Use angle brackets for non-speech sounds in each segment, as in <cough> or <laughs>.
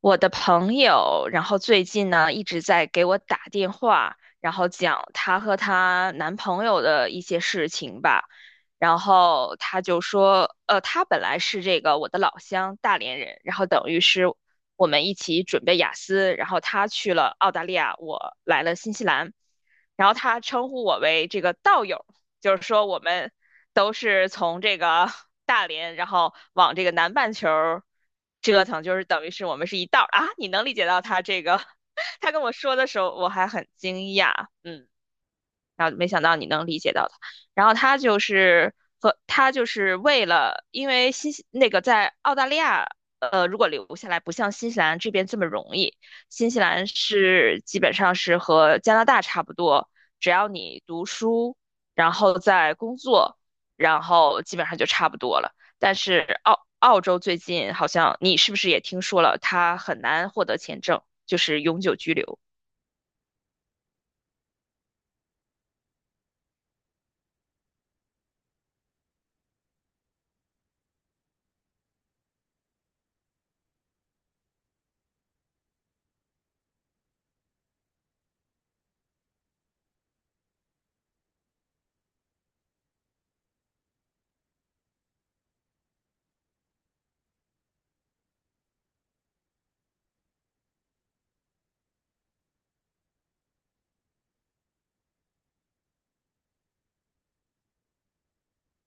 我的朋友，然后最近呢一直在给我打电话，然后讲她和她男朋友的一些事情吧。然后她就说，她本来是这个我的老乡大连人，然后等于是我们一起准备雅思，然后他去了澳大利亚，我来了新西兰，然后他称呼我为这个道友，就是说我们都是从这个 <laughs> 大连，然后往这个南半球折腾，就是等于是我们是一道儿啊。你能理解到他这个，<laughs> 他跟我说的时候，我还很惊讶，嗯。然后没想到你能理解到他，然后他就是和他就是为了，因为新西那个在澳大利亚，如果留下来不像新西兰这边这么容易，新西兰是基本上是和加拿大差不多，只要你读书，然后在工作，然后基本上就差不多了。但是澳洲最近好像你是不是也听说了，他很难获得签证，就是永久居留。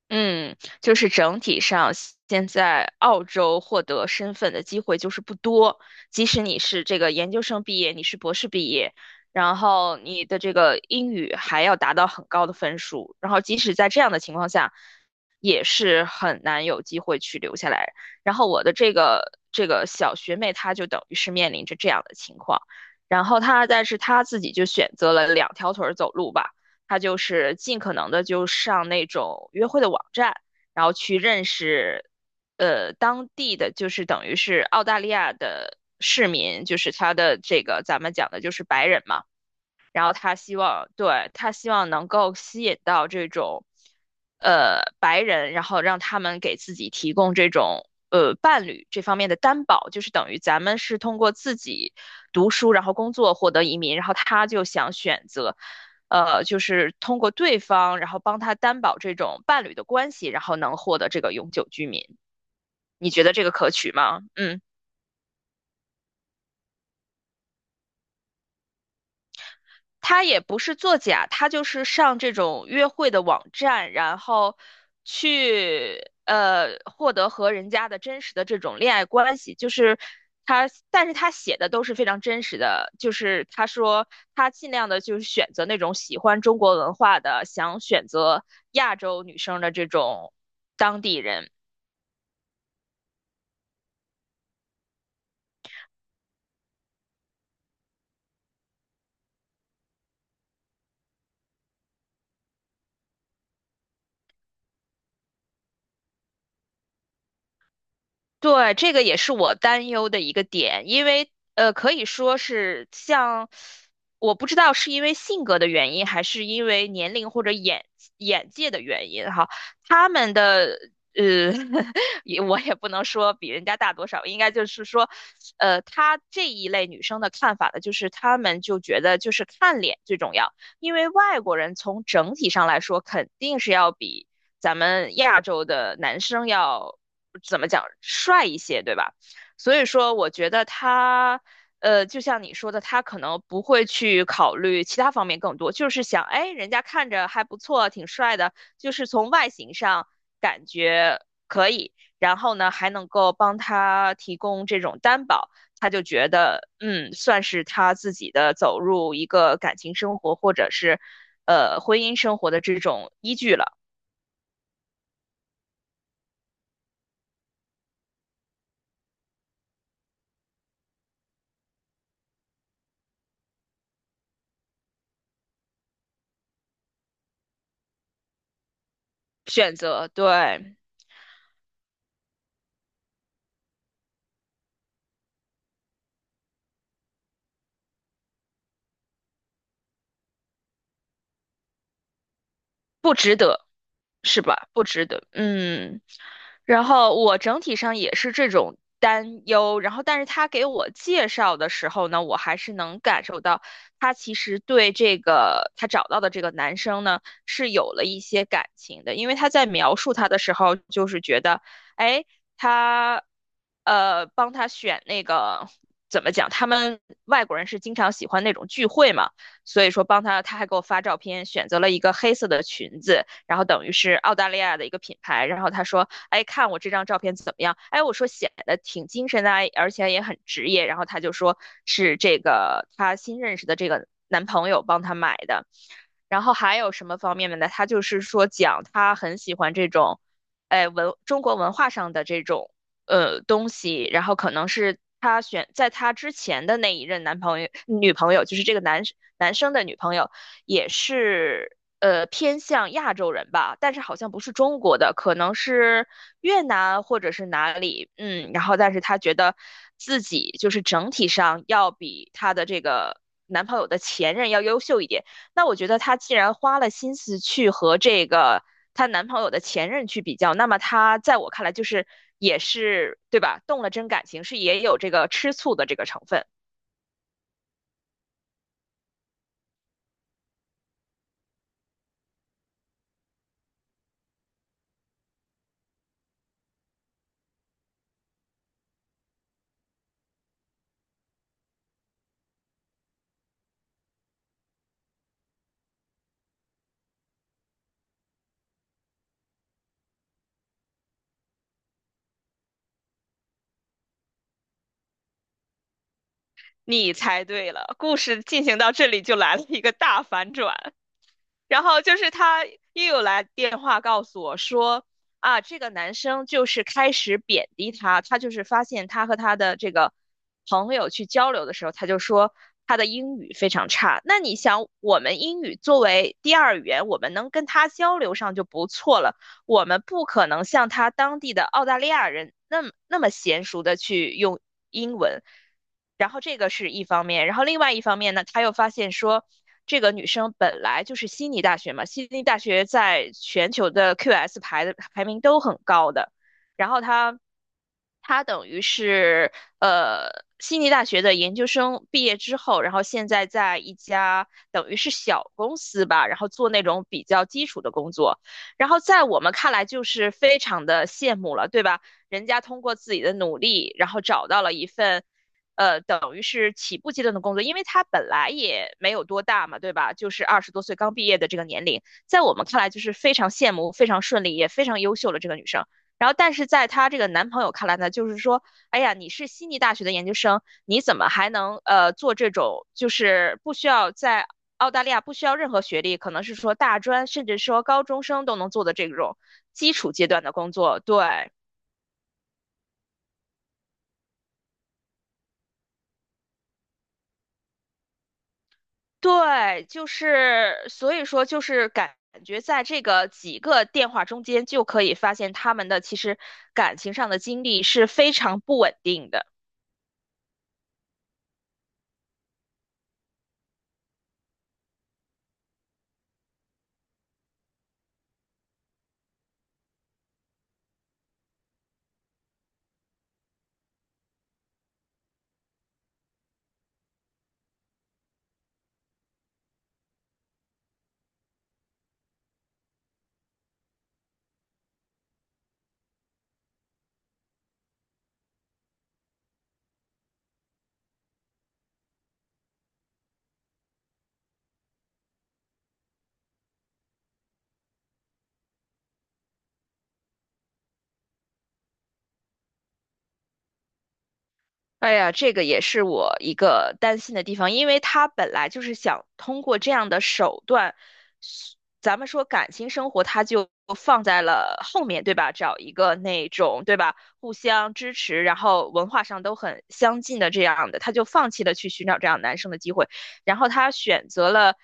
嗯，就是整体上，现在澳洲获得身份的机会就是不多。即使你是这个研究生毕业，你是博士毕业，然后你的这个英语还要达到很高的分数，然后即使在这样的情况下，也是很难有机会去留下来。然后我的这个小学妹，她就等于是面临着这样的情况，然后她但是她自己就选择了两条腿儿走路吧。他就是尽可能的就上那种约会的网站，然后去认识，当地的就是等于是澳大利亚的市民，就是他的这个咱们讲的就是白人嘛。然后他希望，对，他希望能够吸引到这种，白人，然后让他们给自己提供这种，伴侣这方面的担保，就是等于咱们是通过自己读书，然后工作获得移民，然后他就想选择，就是通过对方，然后帮他担保这种伴侣的关系，然后能获得这个永久居民。你觉得这个可取吗？嗯。他也不是作假，他就是上这种约会的网站，然后去获得和人家的真实的这种恋爱关系，就是他，但是他写的都是非常真实的，就是他说他尽量的就是选择那种喜欢中国文化的，想选择亚洲女生的这种当地人。对，这个也是我担忧的一个点，因为可以说是像，我不知道是因为性格的原因，还是因为年龄或者眼界的原因哈，他们的呃，<laughs> 也我也不能说比人家大多少，应该就是说，他这一类女生的看法呢，就是他们就觉得就是看脸最重要，因为外国人从整体上来说肯定是要比。咱们亚洲的男生要怎么讲帅一些，对吧？所以说，我觉得他，就像你说的，他可能不会去考虑其他方面更多，就是想，哎，人家看着还不错，挺帅的，就是从外形上感觉可以，然后呢，还能够帮他提供这种担保，他就觉得，嗯，算是他自己的走入一个感情生活或者是，婚姻生活的这种依据了。选择，对，不值得，是吧？不值得，嗯。然后我整体上也是这种担忧，然后但是他给我介绍的时候呢，我还是能感受到他其实对这个他找到的这个男生呢是有了一些感情的，因为他在描述他的时候，就是觉得，哎，他帮他选那个怎么讲，他们外国人是经常喜欢那种聚会嘛。所以说帮他，他还给我发照片，选择了一个黑色的裙子，然后等于是澳大利亚的一个品牌，然后他说，哎，看我这张照片怎么样？哎，我说显得挺精神的啊，而且也很职业，然后他就说是这个他新认识的这个男朋友帮他买的，然后还有什么方面呢？他就是说讲他很喜欢这种。哎，文中国文化上的这种东西，然后可能是她选在她之前的那一任男朋友女朋友，就是这个男生的女朋友，也是偏向亚洲人吧，但是好像不是中国的，可能是越南或者是哪里，嗯，然后但是她觉得自己就是整体上要比她的这个男朋友的前任要优秀一点。那我觉得她既然花了心思去和这个她男朋友的前任去比较，那么她在我看来就是也是对吧？动了真感情，是也有这个吃醋的这个成分。你猜对了，故事进行到这里就来了一个大反转。然后就是他又有来电话告诉我说，啊，这个男生就是开始贬低他，他就是发现他和他的这个朋友去交流的时候，他就说他的英语非常差。那你想，我们英语作为第二语言，我们能跟他交流上就不错了，我们不可能像他当地的澳大利亚人那么娴熟的去用英文。然后这个是一方面，然后另外一方面呢，他又发现说，这个女生本来就是悉尼大学嘛，悉尼大学在全球的 QS 排的排名都很高的，然后她等于是呃悉尼大学的研究生毕业之后，然后现在在一家等于是小公司吧，然后做那种比较基础的工作，然后在我们看来就是非常的羡慕了，对吧？人家通过自己的努力，然后找到了一份，等于是起步阶段的工作，因为她本来也没有多大嘛，对吧？就是20多岁刚毕业的这个年龄，在我们看来就是非常羡慕、非常顺利、也非常优秀的这个女生。然后，但是在她这个男朋友看来呢，就是说，哎呀，你是悉尼大学的研究生，你怎么还能做这种就是不需要在澳大利亚不需要任何学历，可能是说大专，甚至说高中生都能做的这种基础阶段的工作。对，对，就是所以说就是感觉在这个几个电话中间就可以发现他们的其实感情上的经历是非常不稳定的。哎呀，这个也是我一个担心的地方，因为他本来就是想通过这样的手段，咱们说感情生活，他就放在了后面，对吧？找一个那种，对吧？互相支持，然后文化上都很相近的这样的，他就放弃了去寻找这样男生的机会，然后他选择了，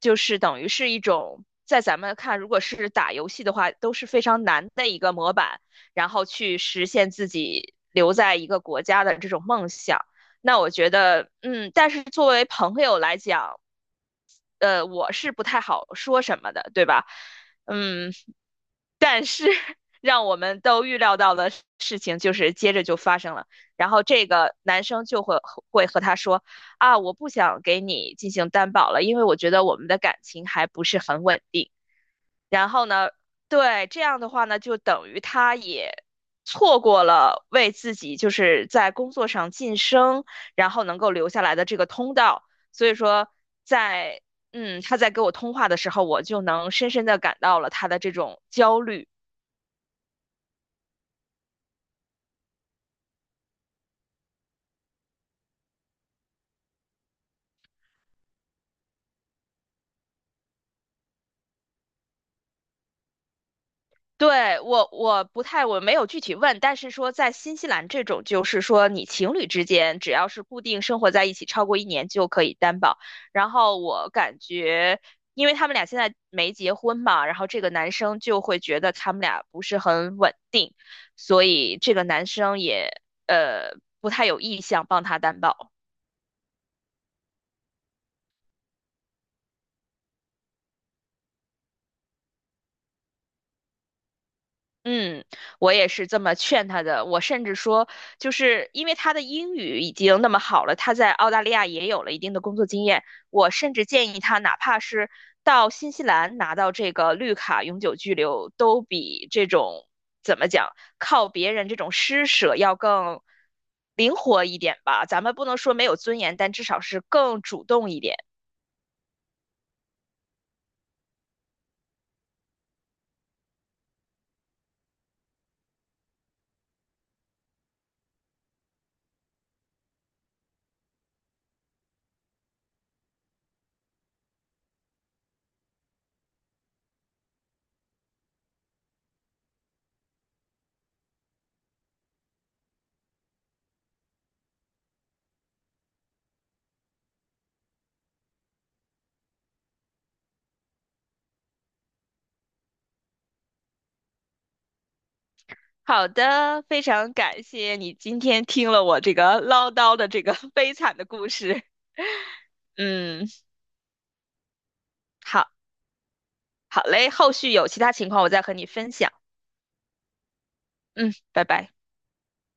就是等于是一种在咱们看，如果是打游戏的话，都是非常难的一个模板。然后去实现自己留在一个国家的这种梦想。那我觉得，嗯，但是作为朋友来讲，我是不太好说什么的，对吧？嗯，但是 <laughs> 让我们都预料到的事情就是接着就发生了，然后这个男生就会和他说啊，我不想给你进行担保了，因为我觉得我们的感情还不是很稳定。然后呢，对，这样的话呢，就等于他也错过了为自己就是在工作上晋升，然后能够留下来的这个通道。所以说在，嗯，他在给我通话的时候，我就能深深的感到了他的这种焦虑。对，我我不太，我没有具体问，但是说在新西兰这种，就是说你情侣之间只要是固定生活在一起超过1年就可以担保。然后我感觉，因为他们俩现在没结婚嘛，然后这个男生就会觉得他们俩不是很稳定，所以这个男生也不太有意向帮他担保。嗯，我也是这么劝他的。我甚至说，就是因为他的英语已经那么好了，他在澳大利亚也有了一定的工作经验。我甚至建议他，哪怕是到新西兰拿到这个绿卡永久居留，都比这种怎么讲靠别人这种施舍要更灵活一点吧。咱们不能说没有尊严，但至少是更主动一点。好的，非常感谢你今天听了我这个唠叨的这个 <laughs> 悲惨的故事。嗯，好，好嘞，后续有其他情况我再和你分享。嗯，拜拜。